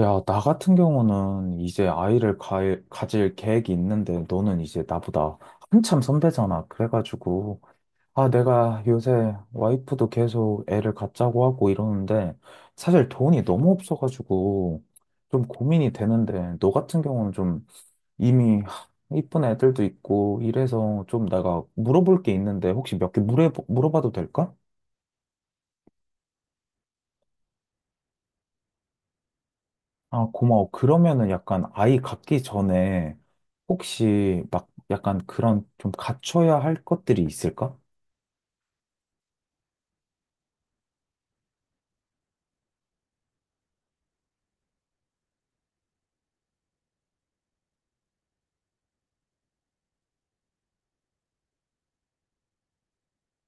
야, 나 같은 경우는 이제 가질 계획이 있는데 너는 이제 나보다 한참 선배잖아. 그래가지고, 아, 내가 요새 와이프도 계속 애를 갖자고 하고 이러는데 사실 돈이 너무 없어가지고 좀 고민이 되는데 너 같은 경우는 좀 이미 이쁜 애들도 있고 이래서 좀 내가 물어볼 게 있는데 혹시 몇 개 물어봐도 될까? 아, 고마워. 그러면은 약간 아이 갖기 전에 혹시 막 약간 그런 좀 갖춰야 할 것들이 있을까?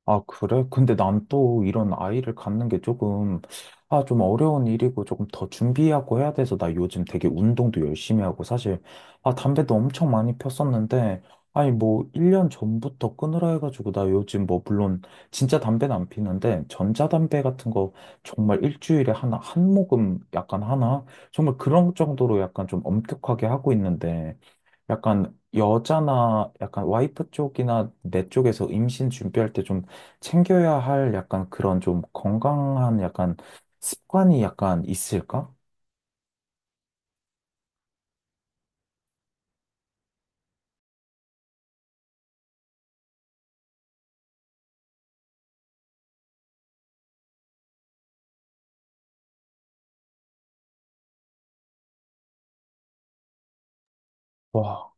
아, 그래? 근데 난 또 이런 아이를 갖는 게 조금, 아, 좀 어려운 일이고 조금 더 준비하고 해야 돼서 나 요즘 되게 운동도 열심히 하고 사실, 아, 담배도 엄청 많이 폈었는데, 아니, 뭐, 1년 전부터 끊으라 해가지고 나 요즘 뭐, 물론 진짜 담배는 안 피는데, 전자담배 같은 거 정말 일주일에 하나, 한 모금 약간 하나? 정말 그런 정도로 약간 좀 엄격하게 하고 있는데, 약간 여자나 약간 와이프 쪽이나 내 쪽에서 임신 준비할 때좀 챙겨야 할 약간 그런 좀 건강한 약간 습관이 약간 있을까? 와,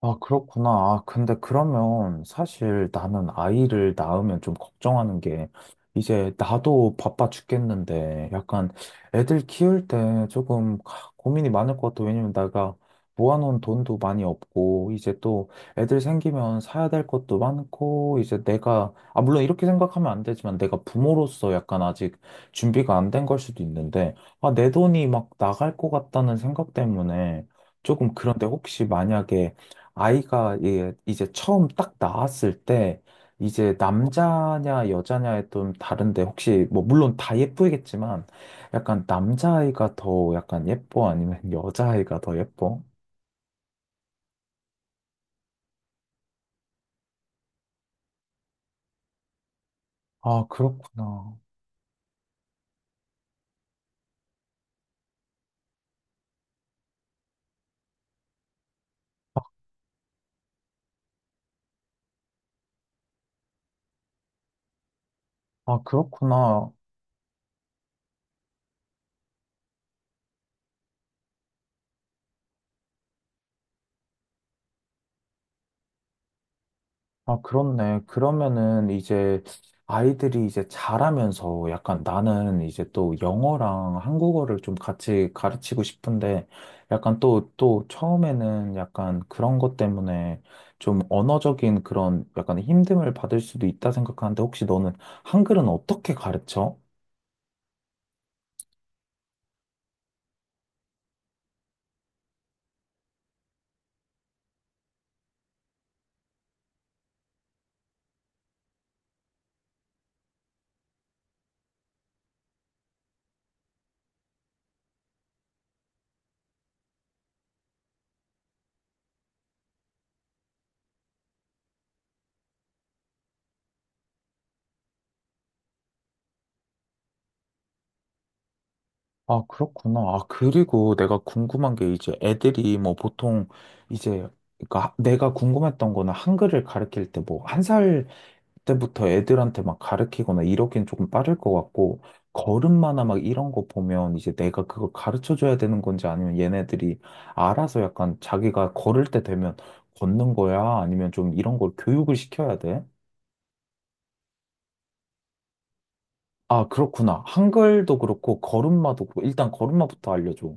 아, 그렇구나. 아, 근데 그러면 사실 나는 아이를 낳으면 좀 걱정하는 게 이제 나도 바빠 죽겠는데 약간 애들 키울 때 조금 고민이 많을 것 같아. 왜냐면 내가 모아놓은 돈도 많이 없고 이제 또 애들 생기면 사야 될 것도 많고 이제 내가 아, 물론 이렇게 생각하면 안 되지만 내가 부모로서 약간 아직 준비가 안 된 걸 수도 있는데 아, 내 돈이 막 나갈 것 같다는 생각 때문에 조금 그런데 혹시 만약에 아이가 이 이제 처음 딱 나왔을 때 이제 남자냐 여자냐에 좀 다른데 혹시 뭐 물론 다 예쁘겠지만 약간 남자아이가 더 약간 예뻐 아니면 여자아이가 더 예뻐? 아 그렇구나. 아 그렇구나. 아, 그렇네. 그러면은 이제 아이들이 이제 자라면서 약간 나는 이제 또 영어랑 한국어를 좀 같이 가르치고 싶은데 약간 또 처음에는 약간 그런 것 때문에 좀 언어적인 그런 약간 힘듦을 받을 수도 있다 생각하는데 혹시 너는 한글은 어떻게 가르쳐? 아, 그렇구나. 아, 그리고 내가 궁금한 게 이제 애들이 뭐 보통 이제 내가 궁금했던 거는 한글을 가르칠 때 뭐 한살 때부터 애들한테 막 가르치거나 이러기엔 조금 빠를 것 같고, 걸음마나 막 이런 거 보면 이제 내가 그걸 가르쳐 줘야 되는 건지 아니면 얘네들이 알아서 약간 자기가 걸을 때 되면 걷는 거야? 아니면 좀 이런 걸 교육을 시켜야 돼? 아, 그렇구나. 한글도 그렇고, 걸음마도 그렇고, 일단 걸음마부터 알려줘.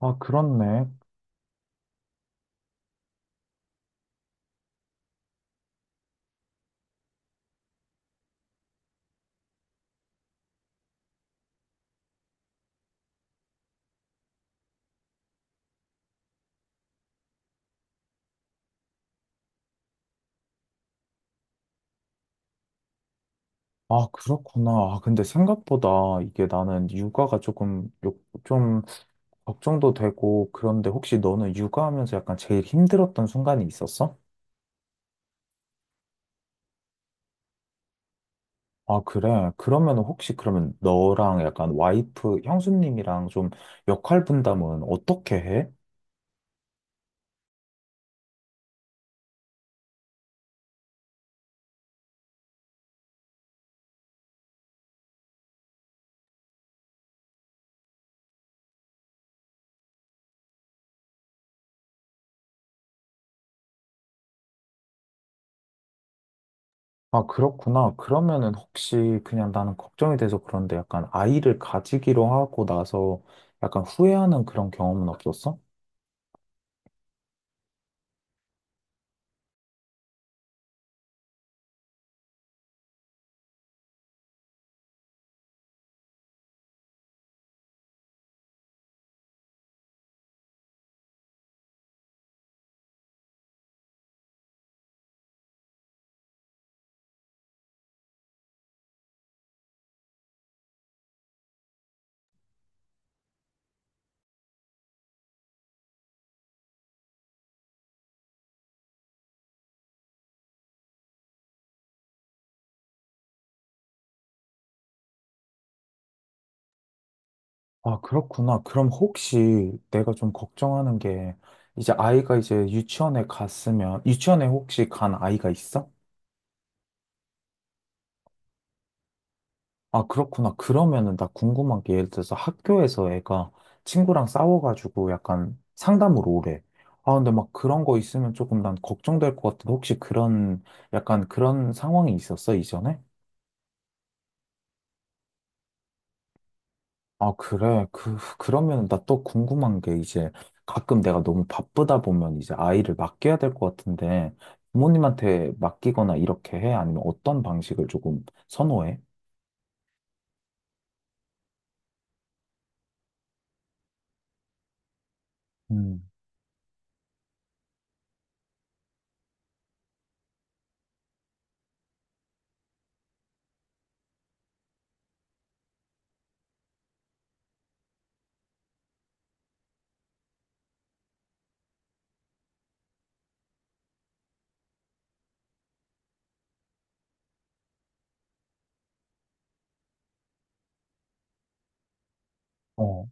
아, 그렇네. 아, 그렇구나. 아, 근데 생각보다 이게 나는 육아가 조금, 좀 걱정도 되고, 그런데 혹시 너는 육아하면서 약간 제일 힘들었던 순간이 있었어? 아, 그래. 그러면 혹시 그러면 너랑 약간 와이프, 형수님이랑 좀 역할 분담은 어떻게 해? 아, 그렇구나. 그러면은 혹시 그냥 나는 걱정이 돼서 그런데 약간 아이를 가지기로 하고 나서 약간 후회하는 그런 경험은 없었어? 아, 그렇구나. 그럼 혹시 내가 좀 걱정하는 게 이제 아이가 이제 유치원에 갔으면, 유치원에 혹시 간 아이가 있어? 아, 그렇구나. 그러면은 나 궁금한 게 예를 들어서 학교에서 애가 친구랑 싸워가지고 약간 상담으로 오래. 아, 근데 막 그런 거 있으면 조금 난 걱정될 것 같은데 혹시 그런 약간 그런 상황이 있었어, 이전에? 아, 그래. 그러면 나 또 궁금한 게 이제 가끔 내가 너무 바쁘다 보면 이제 아이를 맡겨야 될 것 같은데 부모님한테 맡기거나 이렇게 해? 아니면 어떤 방식을 조금 선호해? 음. 어.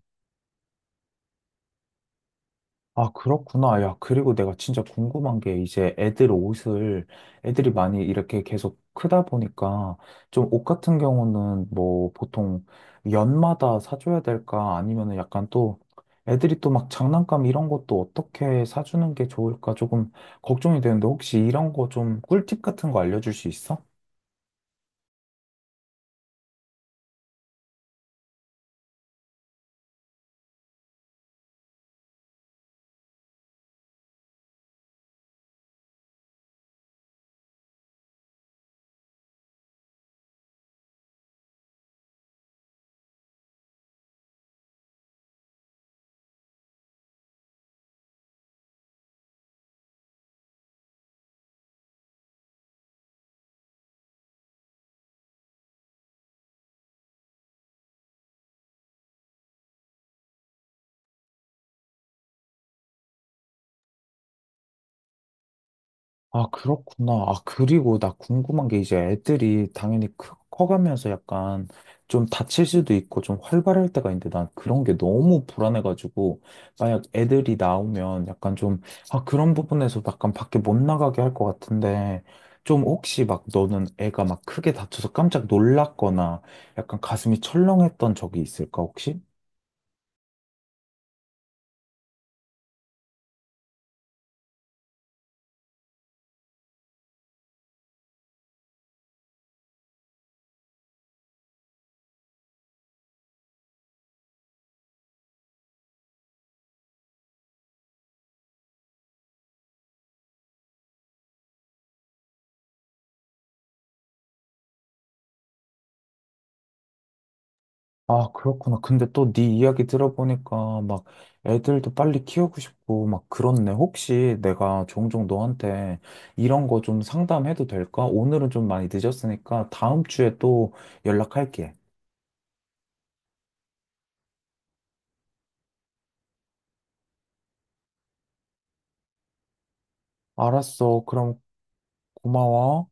아, 그렇구나. 야, 그리고 내가 진짜 궁금한 게 이제 애들 옷을 애들이 많이 이렇게 계속 크다 보니까 좀 옷 같은 경우는 뭐 보통 연마다 사줘야 될까 아니면은 약간 또 애들이 또 막 장난감 이런 것도 어떻게 사주는 게 좋을까 조금 걱정이 되는데 혹시 이런 거 좀 꿀팁 같은 거 알려줄 수 있어? 아, 그렇구나. 아, 그리고 나 궁금한 게 이제 애들이 당연히 커가면서 약간 좀 다칠 수도 있고 좀 활발할 때가 있는데 난 그런 게 너무 불안해가지고 만약 애들이 나오면 약간 좀, 아, 그런 부분에서 약간 밖에 못 나가게 할 것 같은데 좀 혹시 막 너는 애가 막 크게 다쳐서 깜짝 놀랐거나 약간 가슴이 철렁했던 적이 있을까, 혹시? 아, 그렇구나. 근데 또 네 이야기 들어보니까 막 애들도 빨리 키우고 싶고 막 그렇네. 혹시 내가 종종 너한테 이런 거 좀 상담해도 될까? 오늘은 좀 많이 늦었으니까 다음 주에 또 연락할게. 알았어. 그럼 고마워.